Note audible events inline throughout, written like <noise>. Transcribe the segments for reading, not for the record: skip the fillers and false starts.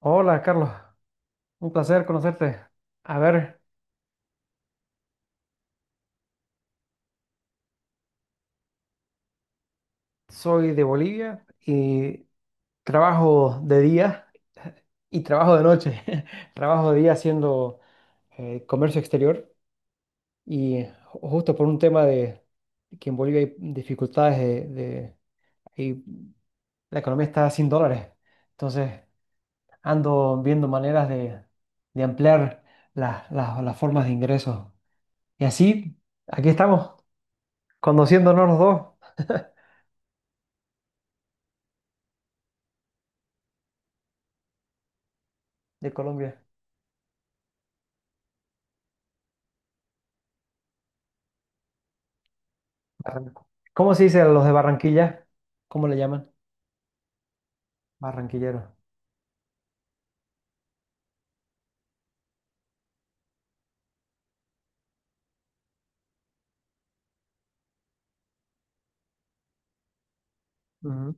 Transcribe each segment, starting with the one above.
Hola, Carlos. Un placer conocerte. A ver, soy de Bolivia y trabajo de día y trabajo de noche. <laughs> Trabajo de día haciendo comercio exterior y justo por un tema de que en Bolivia hay dificultades de. Y la economía está sin dólares. Entonces ando viendo maneras de ampliar las formas de ingresos. Y así, aquí estamos, conociéndonos los dos de Colombia. Barran- ¿Cómo se dice a los de Barranquilla? ¿Cómo le llaman? Barranquilleros. Ujú.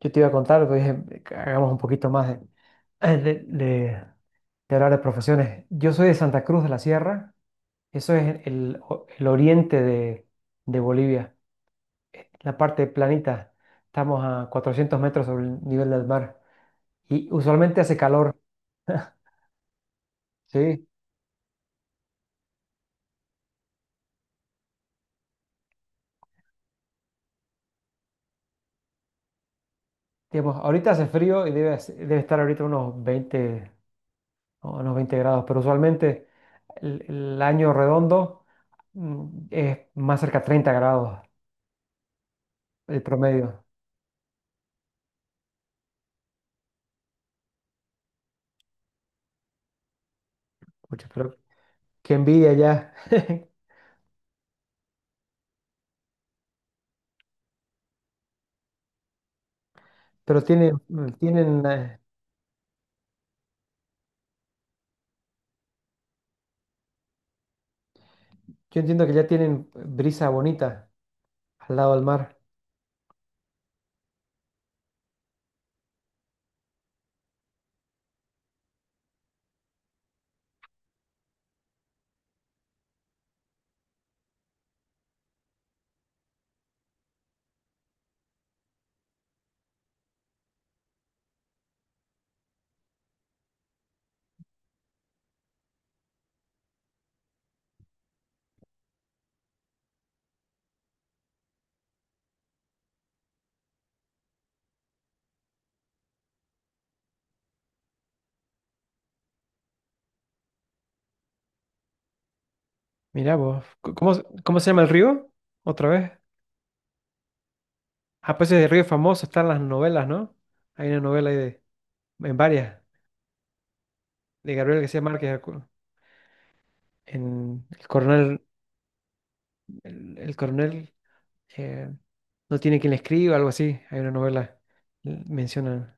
Yo te iba a contar, pero dije, que hagamos un poquito más de, de- de- de hablar de profesiones. Yo soy de Santa Cruz de la Sierra, eso es el oriente de Bolivia, la parte planita. Estamos a 400 metros sobre el nivel del mar y usualmente hace calor. <laughs> Sí, digamos, ahorita hace frío y debe estar ahorita unos 20, o unos 20 grados, pero usualmente el año redondo es más cerca a 30 grados el promedio. Pucha, pero qué envidia ya. <laughs> Pero tienen, eh, yo entiendo que ya tienen brisa bonita al lado del mar. Mirá vos, ¿ cómo se llama el río? Otra vez. Ah, pues ese río es famoso, está en las novelas, ¿no? Hay una novela ahí de, en varias, de Gabriel García Márquez, en el coronel, el coronel eh, no tiene quien le escriba, algo así. Hay una novela, mencionan.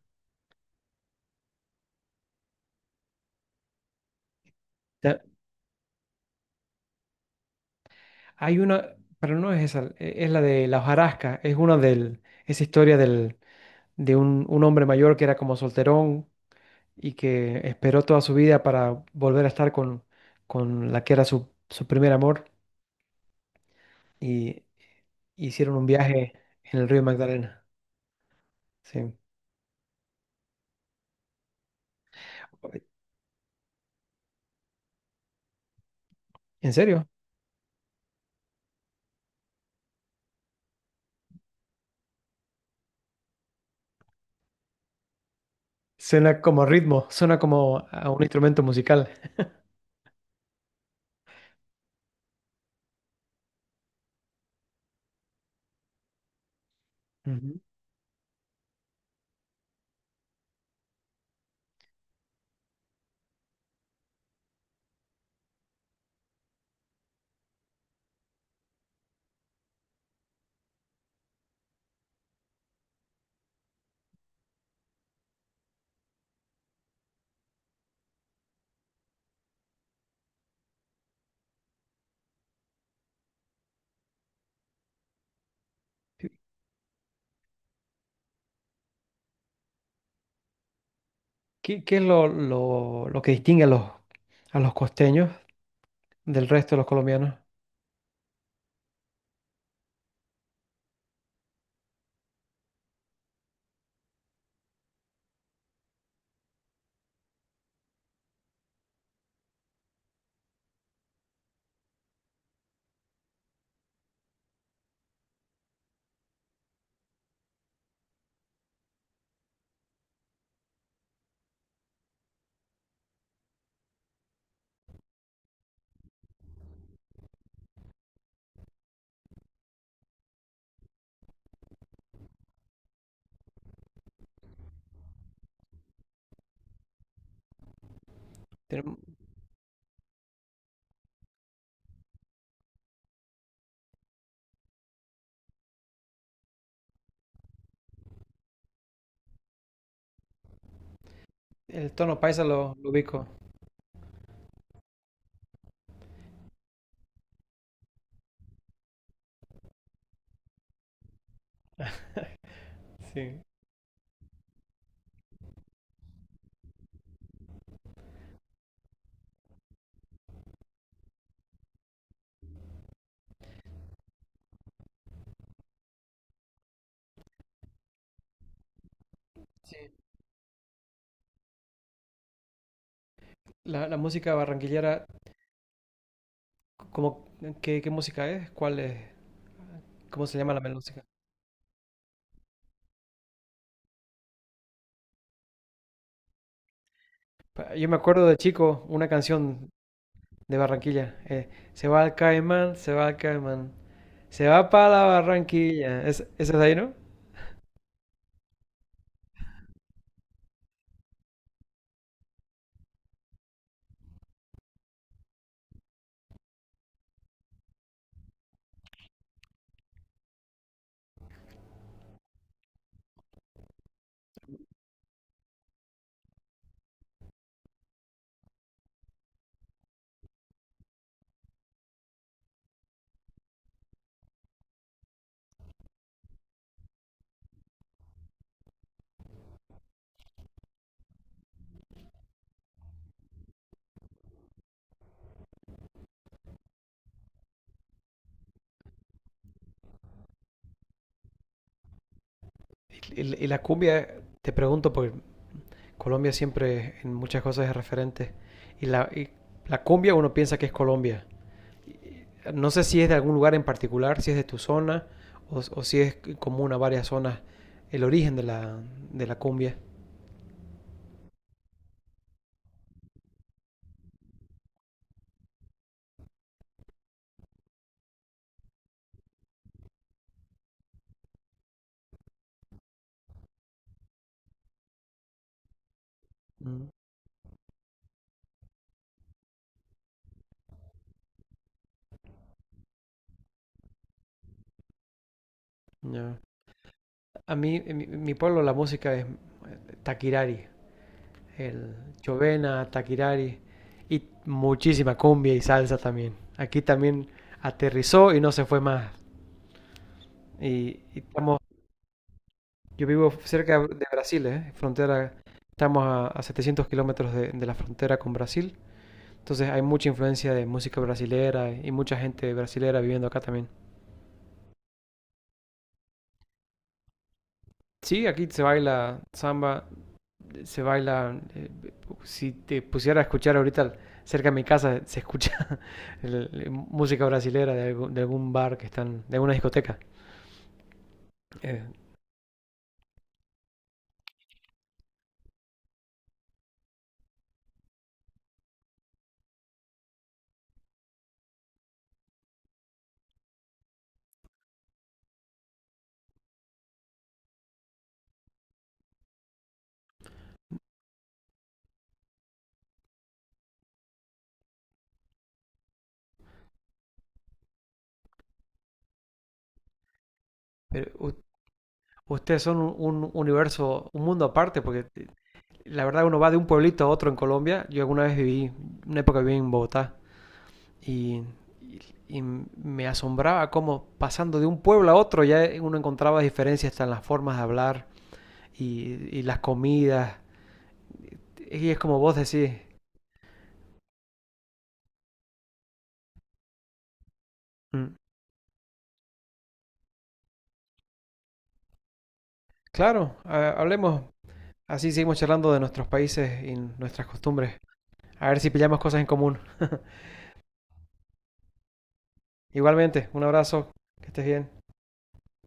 Ta- Hay una, pero no es esa, es la de La hojarasca, es una del, esa historia del, de un hombre mayor que era como solterón y que esperó toda su vida para volver a estar con la que era su, su primer amor y hicieron un viaje en el río Magdalena. Sí. ¿En serio? Suena como ritmo, suena como a un instrumento musical. Ujú. ¿Qué, qué es lo que distingue a los costeños del resto de los colombianos? Tenem- El tono paisa lo ubico. Sí. Sí. La música barranquillera, ¿cómo, qué, qué música es? ¿Cuál es? ¿Cómo se llama la melódica? Yo me acuerdo de chico una canción de Barranquilla. Se va al Caimán, se va al Caimán, se va para la Barranquilla. Es, esa es de ahí, ¿no? Y la cumbia, te pregunto, porque Colombia siempre en muchas cosas es referente. Y la cumbia uno piensa que es Colombia. No sé si es de algún lugar en particular, si es de tu zona o si es común a varias zonas el origen de la cumbia. Mm, ya. A mí, en mi pueblo la música es taquirari, el chovena, taquirari y muchísima cumbia y salsa también. Aquí también aterrizó y no se fue más. Y estamos. Yo vivo cerca de Brasil, ¿eh? Frontera, estamos a 700 kilómetros de la frontera con Brasil. Entonces hay mucha influencia de música brasilera y mucha gente brasilera viviendo acá también. Sí, aquí se baila samba, se baila... si te pusiera a escuchar ahorita cerca de mi casa, se escucha <laughs> música brasilera de algún bar que están, de alguna discoteca. Eh, pero ustedes son un universo, un mundo aparte, porque la verdad, uno va de un pueblito a otro en Colombia. Yo alguna vez viví, una época viví en Bogotá y, y- y me asombraba cómo pasando de un pueblo a otro ya uno encontraba diferencias hasta en las formas de hablar y las comidas. Y es como vos decís. Mm. Claro, hablemos. Así seguimos charlando de nuestros países y nuestras costumbres. A ver si pillamos cosas en común. Igualmente, un abrazo. Que estés bien.